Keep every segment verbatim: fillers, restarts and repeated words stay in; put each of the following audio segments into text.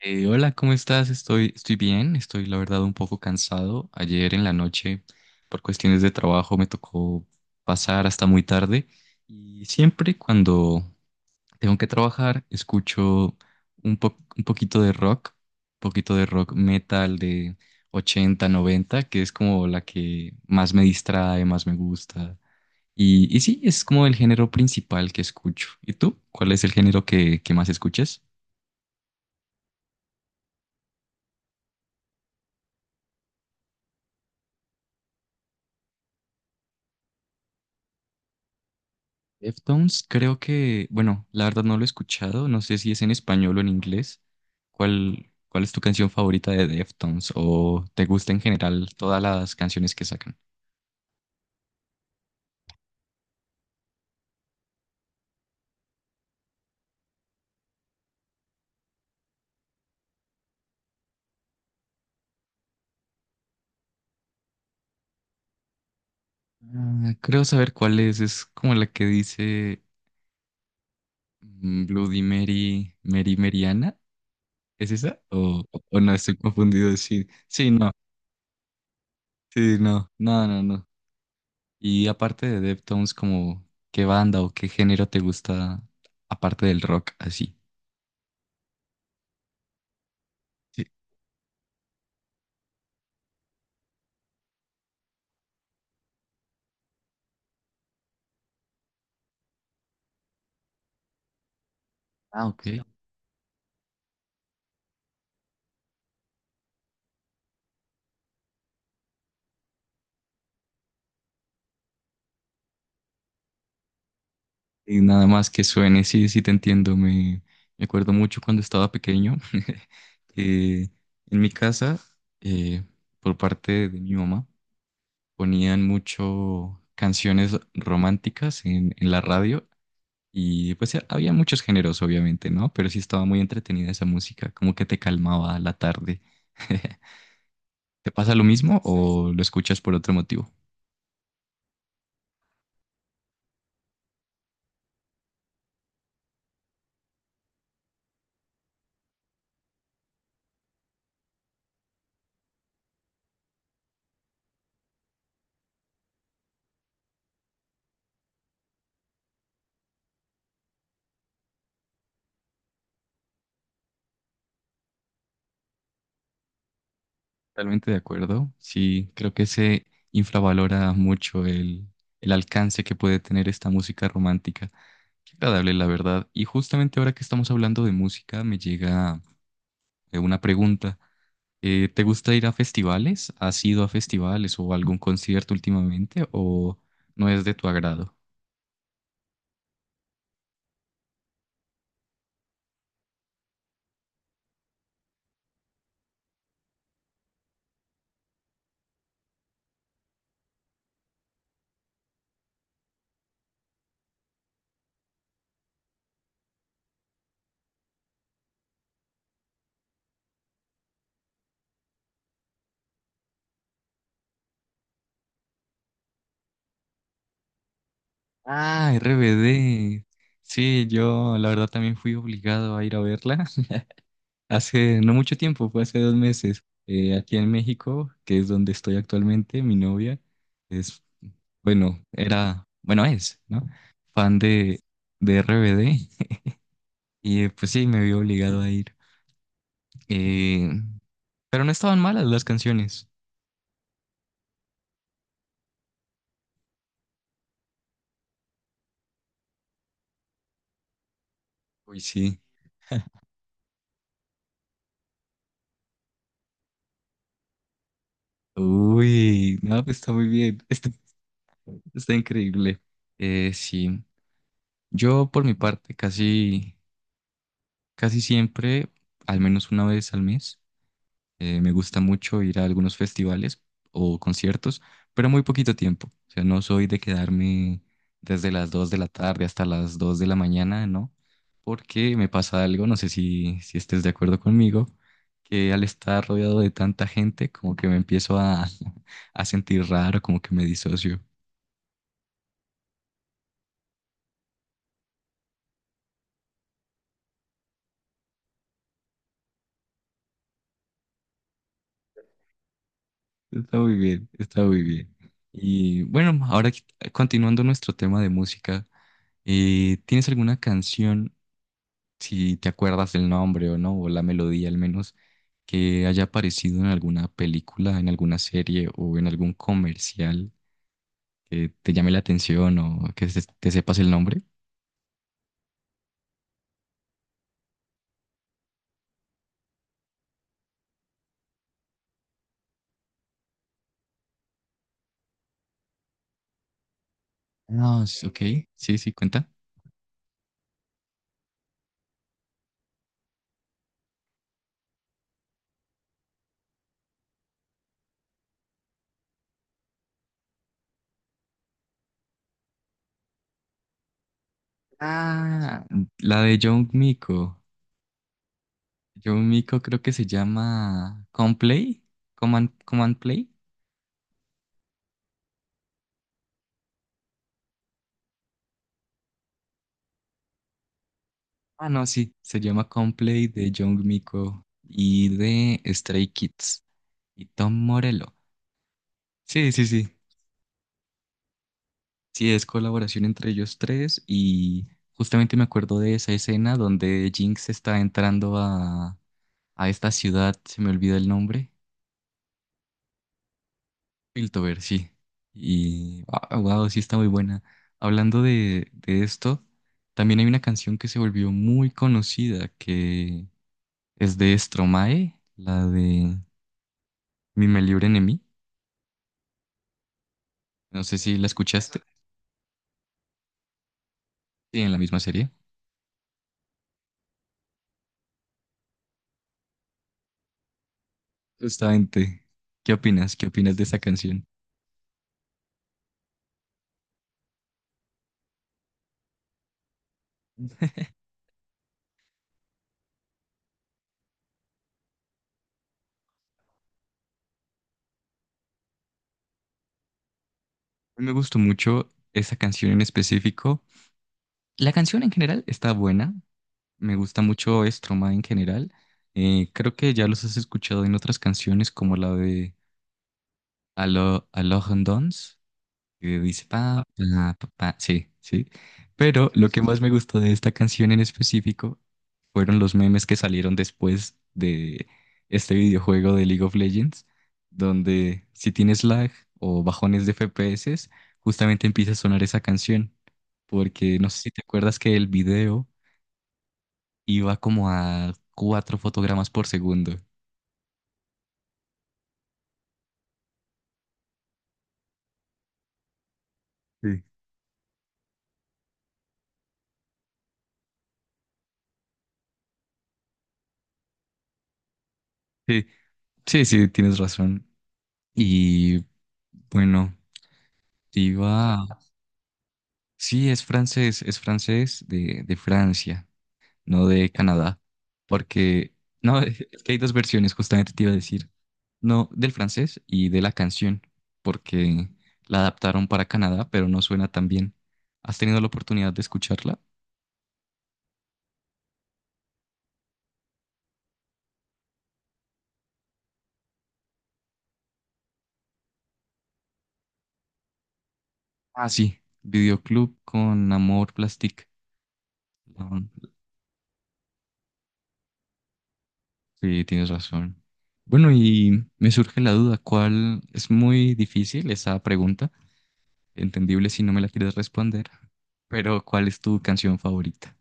Eh, hola, ¿cómo estás? Estoy, estoy bien, estoy la verdad un poco cansado. Ayer en la noche, por cuestiones de trabajo, me tocó pasar hasta muy tarde y siempre cuando tengo que trabajar escucho un, po- un poquito de rock, un poquito de rock metal de ochenta, noventa, que es como la que más me distrae, más me gusta. Y, y sí, es como el género principal que escucho. ¿Y tú? ¿Cuál es el género que, que más escuchas? Deftones, creo que, bueno, la verdad no lo he escuchado, no sé si es en español o en inglés. ¿Cuál, cuál es tu canción favorita de Deftones o te gusta en general todas las canciones que sacan? Ah, creo saber cuál es, es como la que dice mm, Bloody Mary, Mary Meriana, ¿es esa? O, o no, estoy confundido, sí, sí, no, sí, no, no, no, no. Y aparte de Deftones, como, ¿qué banda o qué género te gusta aparte del rock así? Sí. Ah, ok. Y nada más que suene, sí, sí te entiendo. Me, me acuerdo mucho cuando estaba pequeño, que en mi casa, eh, por parte de mi mamá, ponían mucho canciones románticas en, en la radio y pues eh, había muchos géneros, obviamente, ¿no? Pero sí estaba muy entretenida esa música, como que te calmaba la tarde. ¿Te pasa lo mismo o lo escuchas por otro motivo? Totalmente de acuerdo. Sí, creo que se infravalora mucho el, el alcance que puede tener esta música romántica. Qué agradable, la verdad. Y justamente ahora que estamos hablando de música, me llega eh, una pregunta. Eh, ¿te gusta ir a festivales? ¿Has ido a festivales o algún concierto últimamente o no es de tu agrado? Ah, R B D. Sí, yo la verdad también fui obligado a ir a verla. Hace no mucho tiempo, fue hace dos meses, eh, aquí en México, que es donde estoy actualmente, mi novia es, bueno, era, bueno, es, ¿no? Fan de, de R B D y eh, pues sí, me vio obligado a ir. Eh, pero no estaban malas las canciones. Uy, sí. Uy, no, pues está muy bien, está, está increíble. Eh, sí, yo por mi parte casi, casi siempre, al menos una vez al mes. Eh, me gusta mucho ir a algunos festivales o conciertos, pero muy poquito tiempo. O sea, no soy de quedarme desde las dos de la tarde hasta las dos de la mañana, ¿no? Porque me pasa algo, no sé si, si estés de acuerdo conmigo, que al estar rodeado de tanta gente, como que me empiezo a, a sentir raro, como que me disocio. Está muy bien, está muy bien. Y bueno, ahora qui- continuando nuestro tema de música, eh, ¿tienes alguna canción? Si te acuerdas del nombre o no, o la melodía al menos, que haya aparecido en alguna película, en alguna serie o en algún comercial que te llame la atención o que se- te sepas el nombre. Ah, s- ok, sí, sí, cuenta. Ah, la de John Mico. John Mico creo que se llama Complay. Command, Command Play. Ah, no, sí, se llama Complay de John Mico y de Stray Kids y Tom Morello. Sí, sí, sí. Sí, es colaboración entre ellos tres y justamente me acuerdo de esa escena donde Jinx está entrando a, a esta ciudad, se me olvida el nombre, Piltover, sí. Y wow, sí está muy buena. Hablando de, de esto, también hay una canción que se volvió muy conocida que es de Stromae, la de Mi me libren en mí. No sé si la escuchaste, sí, en la misma serie. Justamente, ¿qué opinas? ¿Qué opinas de esa canción? A mí me gustó mucho esa canción en específico. La canción en general está buena. Me gusta mucho Stromae en general. Eh, creo que ya los has escuchado en otras canciones como la de Alo, Alone Dance que dice pa, pa, pa, pa, sí, sí. Pero lo que más me gustó de esta canción en específico fueron los memes que salieron después de este videojuego de League of Legends, donde si tienes lag o bajones de F P S, justamente empieza a sonar esa canción. Porque no sé si te acuerdas que el video iba como a cuatro fotogramas por segundo. Sí. Sí, sí, sí, tienes razón. Y bueno, te iba. Sí, es francés, es francés de, de Francia, no de Canadá, porque, no, es que hay dos versiones, justamente te iba a decir, no, del francés y de la canción, porque la adaptaron para Canadá, pero no suena tan bien. ¿Has tenido la oportunidad de escucharla? Ah, sí, Videoclub con Amor Plastic. Ah, sí, tienes razón. Bueno, y me surge la duda, ¿cuál es muy difícil esa pregunta? Entendible si no me la quieres responder. Pero, ¿cuál es tu canción favorita?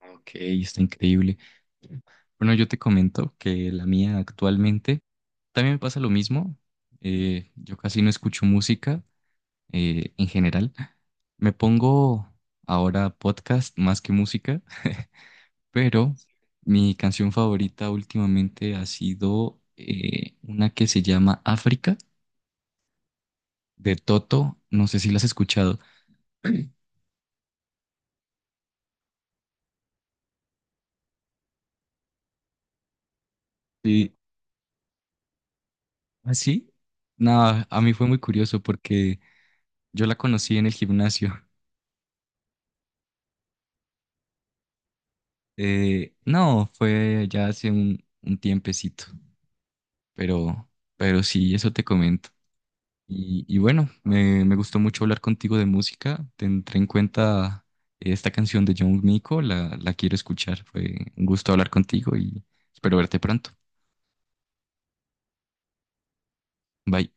Ok, está increíble. Bueno, yo te comento que la mía actualmente también me pasa lo mismo. Eh, yo casi no escucho música eh, en general. Me pongo ahora podcast más que música, pero mi canción favorita últimamente ha sido eh, una que se llama África de Toto. No sé si la has escuchado. Sí, ¿así? No, a mí fue muy curioso porque yo la conocí en el gimnasio. Eh, no, fue ya hace un, un tiempecito, pero, pero sí, eso te comento. Y, y bueno, me, me gustó mucho hablar contigo de música. Tendré en cuenta esta canción de John Mico, la, la quiero escuchar. Fue un gusto hablar contigo y espero verte pronto. Bye.